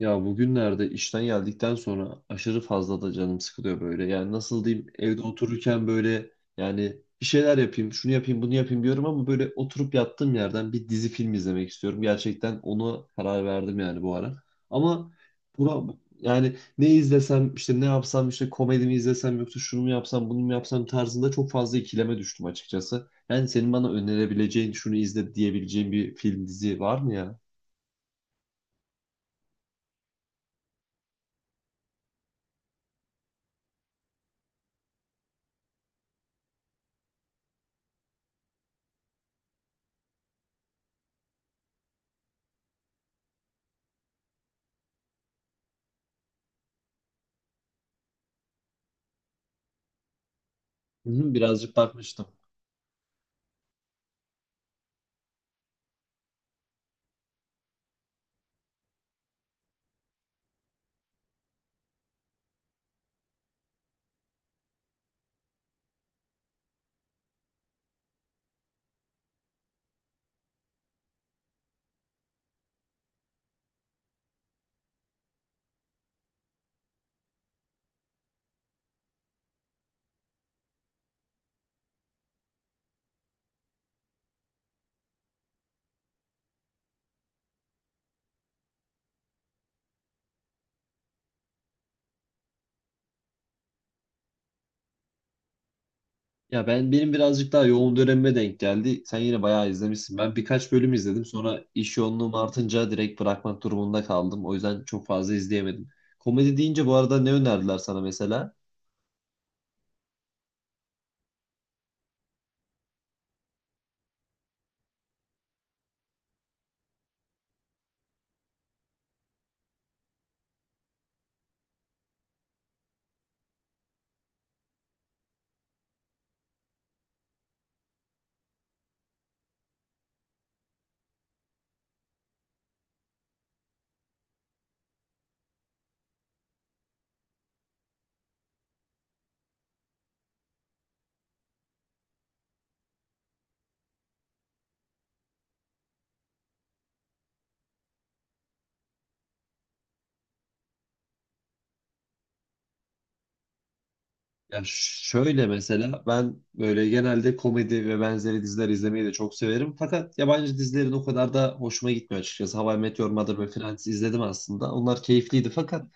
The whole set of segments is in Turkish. Ya bugünlerde işten geldikten sonra aşırı fazla da canım sıkılıyor böyle. Yani nasıl diyeyim, evde otururken böyle yani bir şeyler yapayım, şunu yapayım, bunu yapayım diyorum ama böyle oturup yattığım yerden bir dizi film izlemek istiyorum. Gerçekten ona karar verdim yani bu ara. Ama buna yani ne izlesem işte, ne yapsam işte, komedi mi izlesem yoksa şunu mu yapsam bunu mu yapsam tarzında çok fazla ikileme düştüm açıkçası. Yani senin bana önerebileceğin, şunu izle diyebileceğin bir film, dizi var mı ya? Hı hı, birazcık bakmıştım. Ya benim birazcık daha yoğun dönemime denk geldi. Sen yine bayağı izlemişsin. Ben birkaç bölüm izledim. Sonra iş yoğunluğum artınca direkt bırakmak durumunda kaldım. O yüzden çok fazla izleyemedim. Komedi deyince bu arada ne önerdiler sana mesela? Ya şöyle, mesela ben böyle genelde komedi ve benzeri diziler izlemeyi de çok severim. Fakat yabancı dizilerin o kadar da hoşuma gitmiyor açıkçası. How I Met Your Mother ve Friends izledim aslında. Onlar keyifliydi, fakat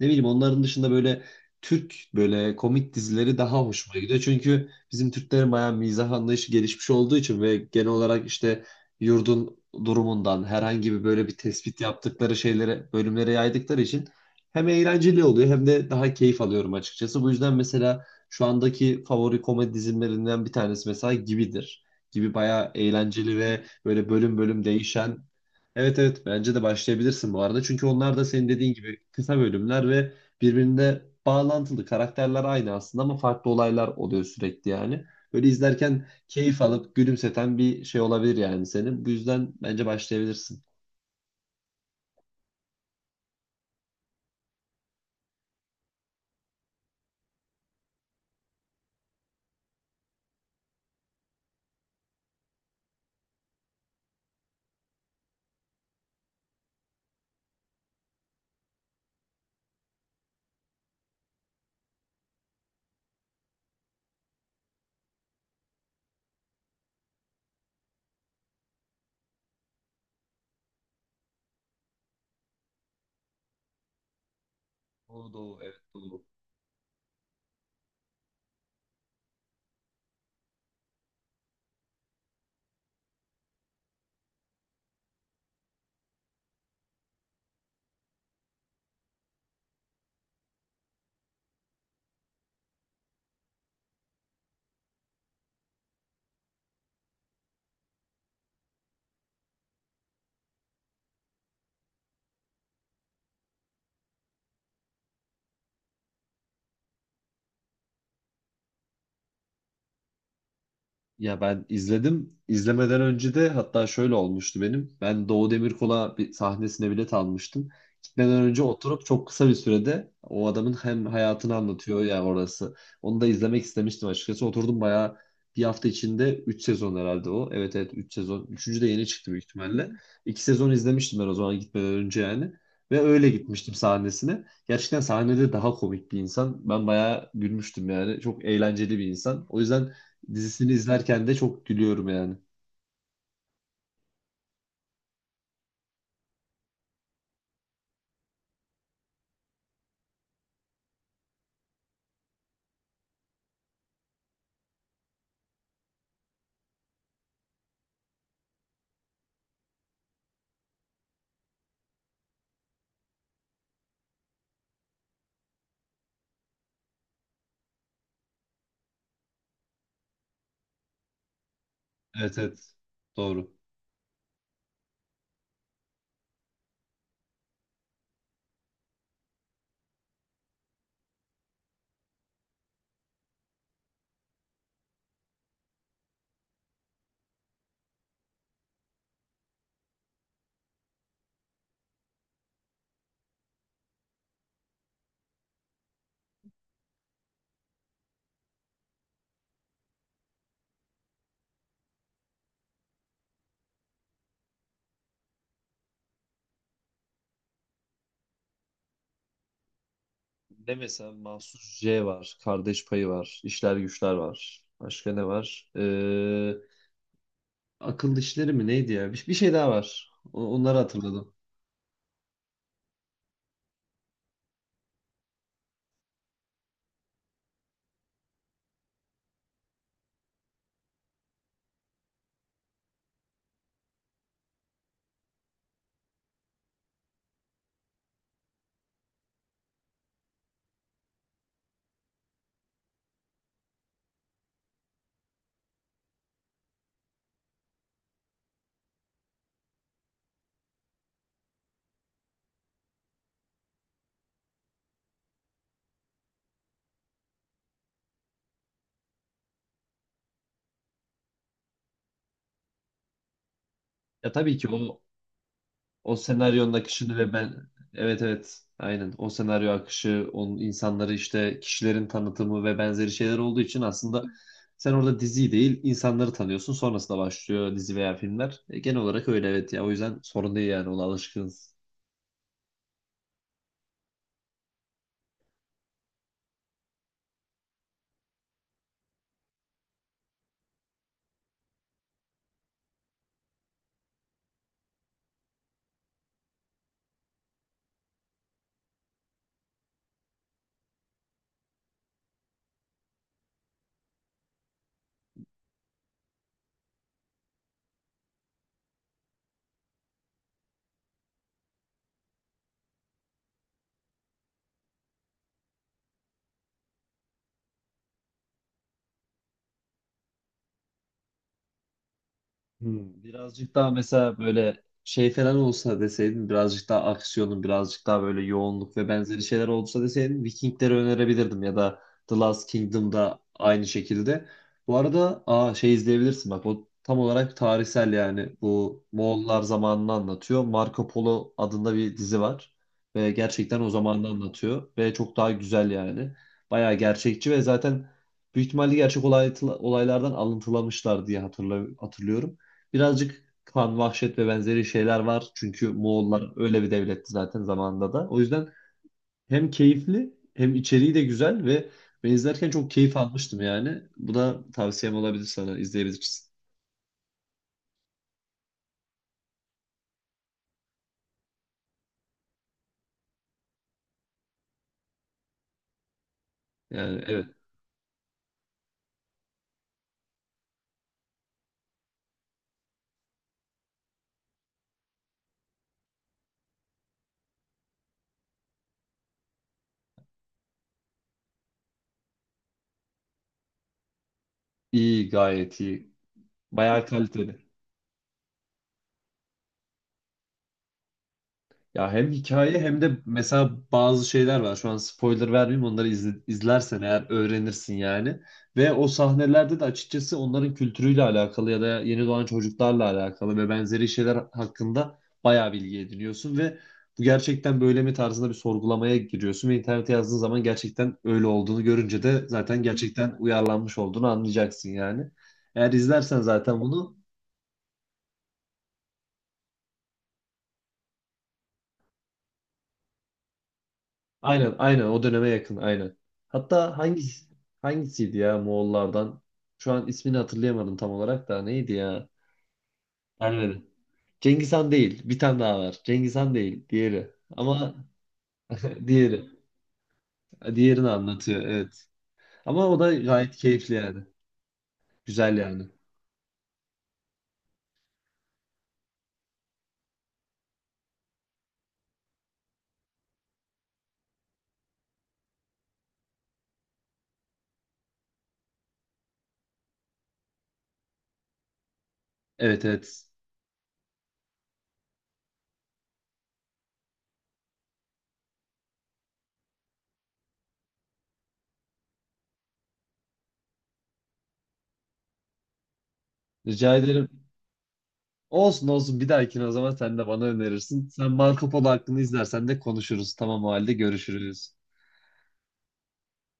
ne bileyim, onların dışında böyle Türk böyle komik dizileri daha hoşuma gidiyor. Çünkü bizim Türklerin bayağı mizah anlayışı gelişmiş olduğu için ve genel olarak işte yurdun durumundan herhangi bir böyle bir tespit yaptıkları şeylere, bölümlere yaydıkları için hem eğlenceli oluyor hem de daha keyif alıyorum açıkçası. Bu yüzden mesela şu andaki favori komedi dizilerinden bir tanesi mesela Gibidir. Gibi bayağı eğlenceli ve böyle bölüm bölüm değişen. Evet evet, bence de başlayabilirsin bu arada. Çünkü onlar da senin dediğin gibi kısa bölümler ve birbirine bağlantılı. Karakterler aynı aslında ama farklı olaylar oluyor sürekli yani. Böyle izlerken keyif alıp gülümseten bir şey olabilir yani senin. Bu yüzden bence başlayabilirsin. Doğu, Doğu, evet, Doğu. Ya, ben izledim. İzlemeden önce de hatta şöyle olmuştu benim. Ben Doğu Demirkol'a, bir sahnesine bilet almıştım. Gitmeden önce oturup çok kısa bir sürede o adamın hem hayatını anlatıyor ya orası. Onu da izlemek istemiştim açıkçası. Oturdum bayağı bir hafta içinde 3 sezon herhalde o. Evet evet, 3 sezon. Üçüncü de yeni çıktı büyük ihtimalle. 2 sezon izlemiştim ben o zaman gitmeden önce yani. Ve öyle gitmiştim sahnesine. Gerçekten sahnede daha komik bir insan. Ben bayağı gülmüştüm yani. Çok eğlenceli bir insan. O yüzden dizisini izlerken de çok gülüyorum yani. Evet evet. Doğru. Ne mesela, Mahsus J var. Kardeş Payı var. İşler Güçler var. Başka ne var? Akıl işleri mi neydi ya? Bir şey daha var. Onları hatırladım. Ya tabii ki o. O senaryonun akışını ve ben, evet evet, aynen, o senaryo akışı, onun insanları işte, kişilerin tanıtımı ve benzeri şeyler olduğu için aslında sen orada diziyi değil insanları tanıyorsun, sonrasında başlıyor dizi veya filmler. Genel olarak öyle evet ya, o yüzden sorun değil yani, ona alışkınız. Birazcık daha mesela böyle şey falan olsa deseydin, birazcık daha aksiyonun, birazcık daha böyle yoğunluk ve benzeri şeyler olsa deseydin Vikingleri önerebilirdim ya da The Last Kingdom'da aynı şekilde. Bu arada şey izleyebilirsin, bak o tam olarak tarihsel yani, bu Moğollar zamanını anlatıyor. Marco Polo adında bir dizi var ve gerçekten o zamanını anlatıyor ve çok daha güzel yani. Bayağı gerçekçi ve zaten büyük ihtimalle gerçek olaylardan alıntılamışlar diye hatırlıyorum. Birazcık kan, vahşet ve benzeri şeyler var. Çünkü Moğollar öyle bir devletti zaten zamanında da. O yüzden hem keyifli hem içeriği de güzel ve ben izlerken çok keyif almıştım yani. Bu da tavsiyem olabilir sana, izleyebilirsin. Yani evet, iyi, gayet iyi. Bayağı kaliteli. Ya hem hikaye hem de mesela bazı şeyler var. Şu an spoiler vermeyeyim. Onları izlersen eğer öğrenirsin yani. Ve o sahnelerde de açıkçası onların kültürüyle alakalı ya da yeni doğan çocuklarla alakalı ve benzeri şeyler hakkında bayağı bilgi ediniyorsun ve bu gerçekten böyle mi tarzında bir sorgulamaya giriyorsun ve internete yazdığın zaman gerçekten öyle olduğunu görünce de zaten gerçekten uyarlanmış olduğunu anlayacaksın yani. Eğer izlersen zaten bunu. Aynen aynen, o döneme yakın, aynen. Hatta hangisiydi ya Moğollardan? Şu an ismini hatırlayamadım, tam olarak da neydi ya? Ermeni. Cengiz Han değil. Bir tane daha var. Cengiz Han değil. Diğeri. Ama diğeri. Diğerini anlatıyor, evet. Ama o da gayet keyifli yani. Güzel yani. Evet evet. Rica ederim. Olsun olsun, bir dahakine o zaman sen de bana önerirsin. Sen Marco Polo hakkında izlersen de konuşuruz. Tamam, o halde görüşürüz.